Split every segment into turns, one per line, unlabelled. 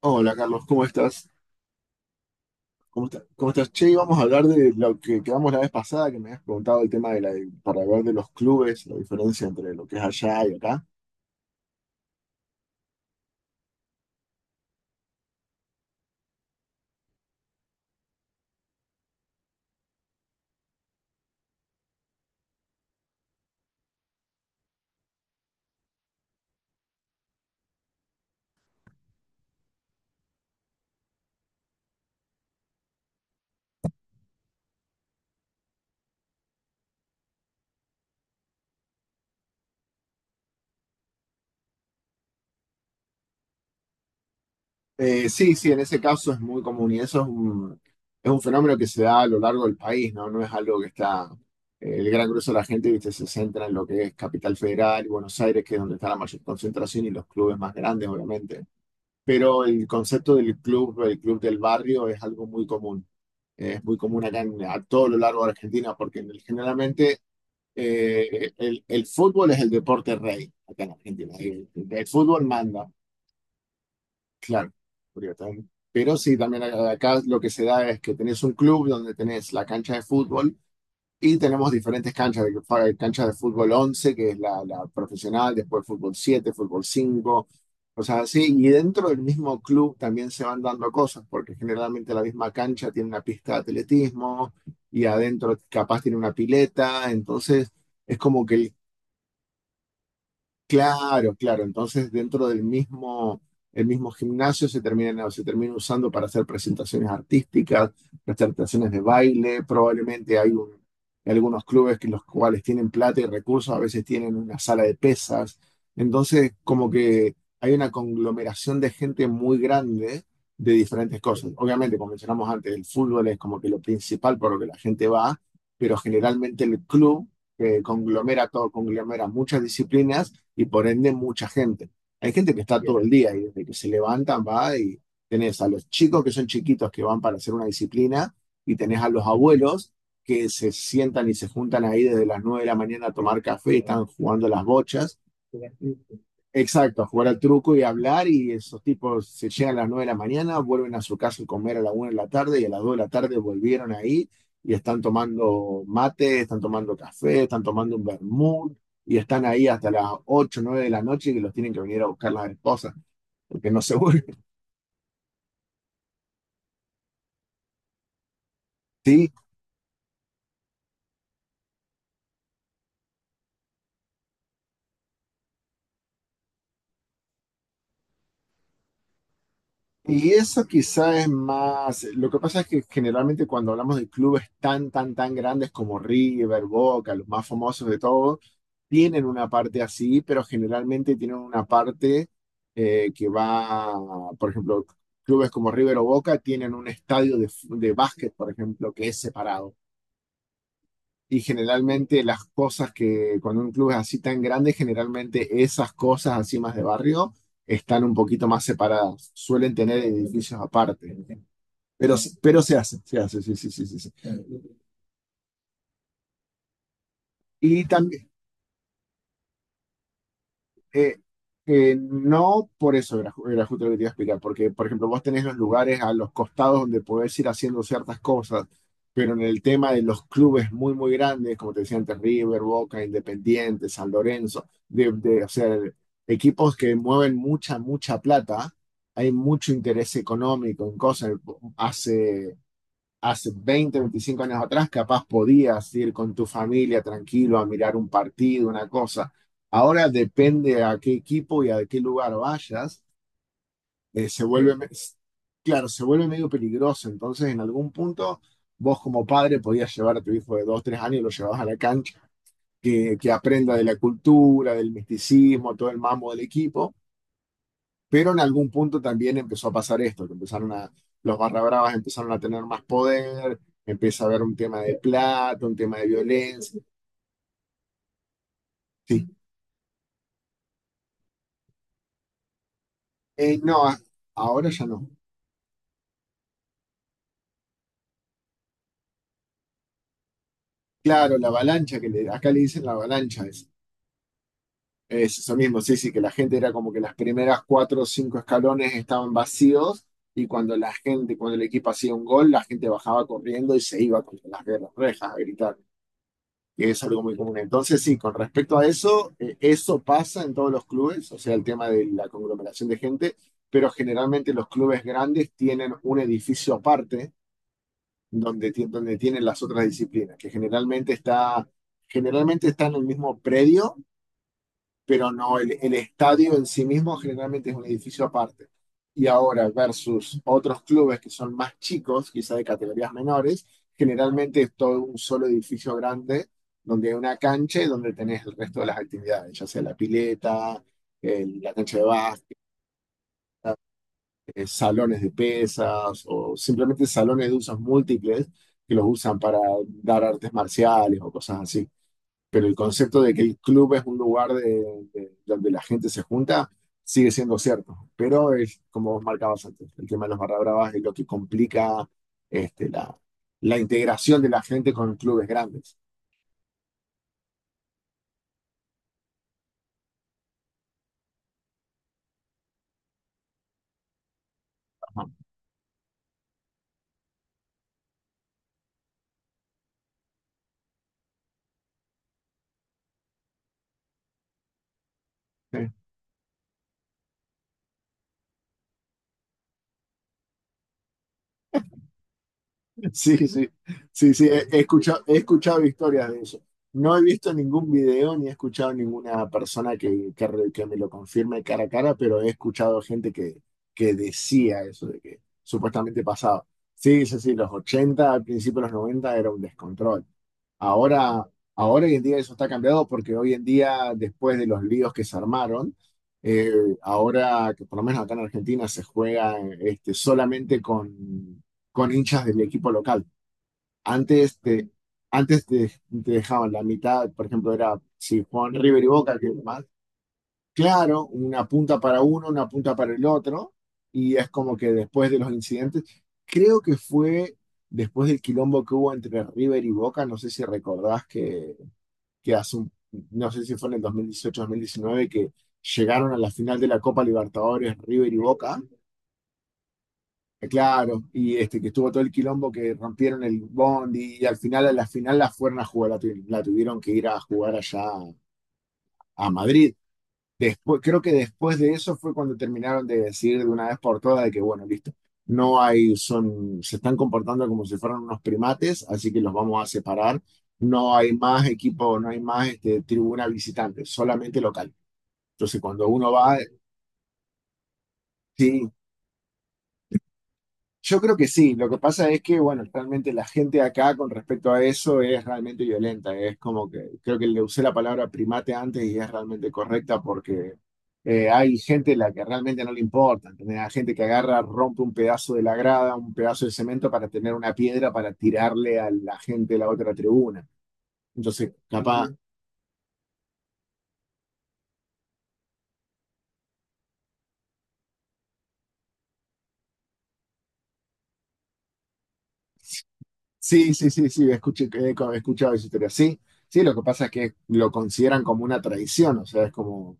Hola Carlos, ¿cómo estás? ¿Cómo estás? Che, íbamos a hablar de lo que quedamos la vez pasada, que me habías preguntado el tema de la, para hablar de los clubes, la diferencia entre lo que es allá y acá. Sí, en ese caso es muy común y es un fenómeno que se da a lo largo del país, ¿no? No es algo que está, el gran grueso de la gente, viste, se centra en lo que es Capital Federal y Buenos Aires, que es donde está la mayor concentración y los clubes más grandes, obviamente. Pero el concepto del club, el club del barrio, es algo muy común. Es muy común a todo lo largo de Argentina, porque generalmente el fútbol es el deporte rey acá en Argentina. El fútbol manda, claro. Pero sí, también acá lo que se da es que tenés un club donde tenés la cancha de fútbol y tenemos diferentes canchas, cancha de fútbol 11 que es la profesional, después fútbol 7 fútbol 5, cosas así. Y dentro del mismo club también se van dando cosas, porque generalmente la misma cancha tiene una pista de atletismo y adentro capaz tiene una pileta. Entonces es como que el... Claro, claro. Entonces, dentro del mismo, el mismo gimnasio se termina usando para hacer presentaciones artísticas, presentaciones de baile. Algunos clubes que los cuales tienen plata y recursos, a veces tienen una sala de pesas. Entonces, como que hay una conglomeración de gente muy grande de diferentes cosas. Obviamente, como mencionamos antes, el fútbol es como que lo principal por lo que la gente va, pero generalmente el club conglomera todo, conglomera muchas disciplinas y por ende mucha gente. Hay gente que está todo el día y desde que se levantan va, y tenés a los chicos que son chiquitos que van para hacer una disciplina y tenés a los abuelos que se sientan y se juntan ahí desde las 9 de la mañana a tomar café, están jugando las bochas. Exacto, a jugar al truco y hablar, y esos tipos se llegan a las 9 de la mañana, vuelven a su casa a comer a la 1 de la tarde y a las 2 de la tarde volvieron ahí y están tomando mate, están tomando café, están tomando un vermut y están ahí hasta las 8 9 de la noche y los tienen que venir a buscar las esposas porque no se vuelven. Sí. Y eso quizá es más, lo que pasa es que generalmente cuando hablamos de clubes tan grandes como River, Boca, los más famosos de todos, tienen una parte así, pero generalmente tienen una parte que va, por ejemplo, clubes como River o Boca tienen un estadio de básquet, por ejemplo, que es separado. Y generalmente las cosas que cuando un club es así tan grande, generalmente esas cosas así más de barrio están un poquito más separadas, suelen tener edificios aparte. Pero, pero se hace, sí, sí, sí, sí, sí. Y tam- Eh, no por eso era, era justo lo que te iba a explicar, porque, por ejemplo, vos tenés los lugares a los costados donde podés ir haciendo ciertas cosas, pero en el tema de los clubes muy, muy grandes, como te decía antes, River, Boca, Independiente, San Lorenzo, o sea, equipos que mueven mucha, mucha plata, hay mucho interés económico en cosas. Hace Hace 20, 25 años atrás, capaz podías ir con tu familia tranquilo a mirar un partido, una cosa. Ahora depende a qué equipo y a qué lugar vayas, se vuelve, me- s- claro, se vuelve medio peligroso. Entonces, en algún punto, vos como padre podías llevar a tu hijo de 2, 3 años y lo llevabas a la cancha, que aprenda de la cultura, del misticismo, todo el mambo del equipo. Pero en algún punto también empezó a pasar esto, los barra bravas empezaron a tener más poder, empieza a haber un tema de plata, un tema de violencia. Sí. No, ahora ya no. Claro, la avalancha, acá le dicen la avalancha, es eso mismo, sí, sí, que la gente era como que las primeras 4 o 5 escalones estaban vacíos y cuando la gente, cuando el equipo hacía un gol, la gente bajaba corriendo y se iba contra las guerras rejas a gritar, que es algo muy común. Entonces, sí, con respecto a eso, eso pasa en todos los clubes, o sea, el tema de la conglomeración de gente, pero generalmente los clubes grandes tienen un edificio aparte donde, donde tienen las otras disciplinas, generalmente está en el mismo predio, pero no, el estadio en sí mismo generalmente es un edificio aparte. Y ahora versus otros clubes que son más chicos, quizá de categorías menores, generalmente es todo un solo edificio grande donde hay una cancha y donde tenés el resto de las actividades, ya sea la pileta, la cancha de básquet, salones de pesas o simplemente salones de usos múltiples que los usan para dar artes marciales o cosas así, pero el concepto de que el club es un lugar donde la gente se junta sigue siendo cierto. Pero es como vos marcabas antes, el tema de los barra bravas es lo que complica este, la, la integración de la gente con clubes grandes. Ajá. Sí, sí, sí, sí, he escuchado historias de eso. No he visto ningún video ni he escuchado ninguna persona que, que me lo confirme cara a cara, pero he escuchado gente que decía eso, de que supuestamente pasaba. Sí, sí, sí, los 80 al principio de los 90 era un descontrol. Ahora, ahora hoy en día eso está cambiado porque hoy en día, después de los líos que se armaron, eh, ahora que por lo menos acá en Argentina se juega este, solamente con hinchas de mi equipo local. Antes te, antes te, te dejaban la mitad, por ejemplo, era si Juan River y Boca, que más claro, una punta para uno, una punta para el otro, y es como que después de los incidentes, creo que fue después del quilombo que hubo entre River y Boca, no sé si recordás que, que hace un, no sé si fue en el dos dos mil dieciocho mil diecinueve que llegaron a la final de la Copa Libertadores River y Boca. Claro, y este que estuvo todo el quilombo que rompieron el bondi y al final a la final la fueron a jugar, la tuvieron que ir a jugar allá a Madrid. Después, creo que después de eso fue cuando terminaron de decir de una vez por todas de que bueno, listo, no hay, son, se están comportando como si fueran unos primates, así que los vamos a separar. No hay más equipo, no hay más este, tribuna visitante, solamente local. Entonces cuando uno va, sí. Yo creo que sí, lo que pasa es que, bueno, realmente la gente acá con respecto a eso es realmente violenta, es como que creo que le usé la palabra primate antes y es realmente correcta porque hay gente a la que realmente no le importa, ¿entendés? Hay gente que agarra, rompe un pedazo de la grada, un pedazo de cemento para tener una piedra para tirarle a la gente de la otra tribuna. Entonces, capaz, ujú, sí, sí, sí, sí, he escuchado esa historia, sí, sí, lo que pasa es que lo consideran como una traición, o sea, es como...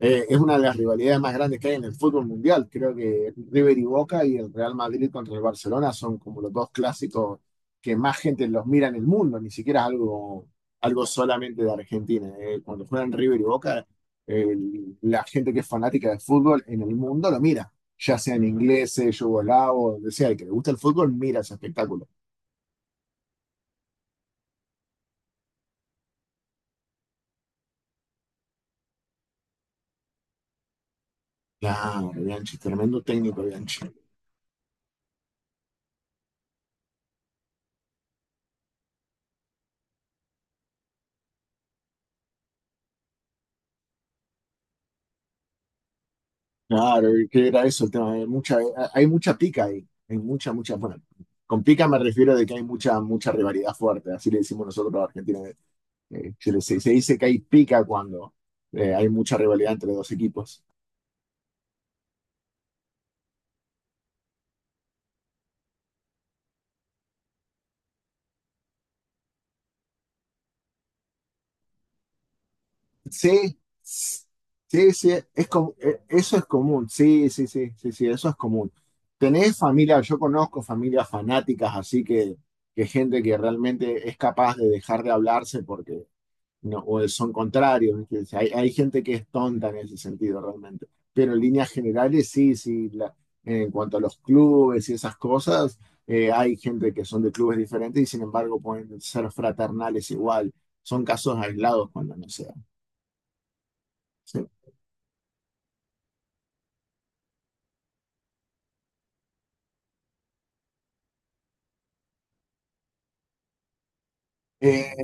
Es una de las rivalidades más grandes que hay en el fútbol mundial. Creo que River y Boca y el Real Madrid contra el Barcelona son como los dos clásicos que más gente los mira en el mundo, ni siquiera es algo, algo solamente de Argentina. Eh, cuando juegan River y Boca, la gente que es fanática del fútbol en el mundo lo mira, ya sean ingleses, yugoslavos, donde sea, el que le gusta el fútbol mira ese espectáculo. Claro, Bianchi, tremendo técnico, Bianchi. Claro, y que era eso el tema. Hay mucha pica ahí. Hay mucha, mucha. Bueno, con pica me refiero de que hay mucha, mucha rivalidad fuerte. Así le decimos nosotros a Argentina. Se dice que hay pica cuando hay mucha rivalidad entre dos equipos. Sí, sí, sí. Eso es común. Sí, sí, sí, sí, sí, eso es común. Tenés familia, yo conozco familias fanáticas, así que gente que realmente es capaz de dejar de hablarse porque no, o son contrarios, ¿viste? Hay gente que es tonta en ese sentido realmente. Pero en líneas generales, sí, sí, en cuanto a los clubes y esas cosas, hay gente que son de clubes diferentes y sin embargo pueden ser fraternales igual. Son casos aislados cuando no sea, ¿sí? Eh,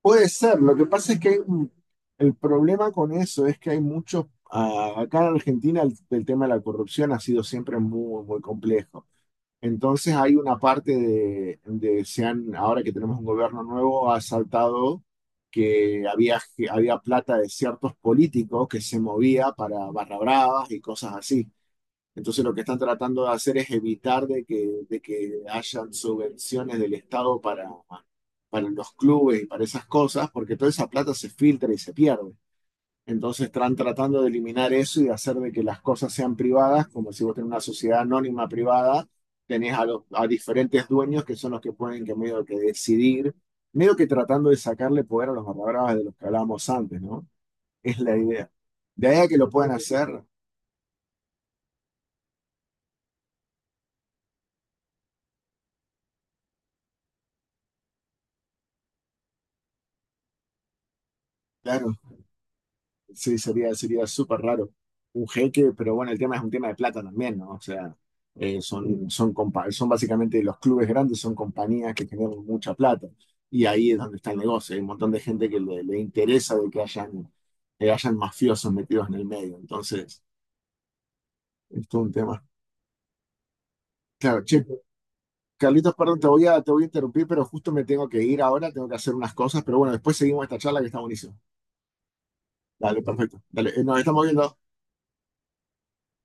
puede ser. Lo que pasa es que el problema con eso es que hay muchos. Ah, acá en Argentina el tema de la corrupción ha sido siempre muy, muy complejo. Entonces hay una parte ahora que tenemos un gobierno nuevo, ha saltado que había plata de ciertos políticos que se movía para barra bravas y cosas así. Entonces lo que están tratando de hacer es evitar de que hayan subvenciones del Estado para los clubes y para esas cosas, porque toda esa plata se filtra y se pierde. Entonces están tratando de eliminar eso y de hacer de que las cosas sean privadas, como si vos tenés una sociedad anónima privada, tenés a, a diferentes dueños que son los que pueden que medio que decidir, medio que tratando de sacarle poder a los barra bravas de los que hablábamos antes, ¿no? Es la idea. De ahí a que lo puedan hacer, claro. Sí, sería, sería súper raro. Un jeque, pero bueno, el tema es un tema de plata también, ¿no? O sea, son básicamente los clubes grandes, son compañías que generan mucha plata. Y ahí es donde está el negocio. Hay un montón de gente que le interesa de que hayan mafiosos metidos en el medio. Entonces, es todo un tema. Claro, che, Carlitos, perdón, te voy a interrumpir, pero justo me tengo que ir ahora, tengo que hacer unas cosas. Pero bueno, después seguimos esta charla que está buenísima. Dale, perfecto. Dale, nos estamos viendo.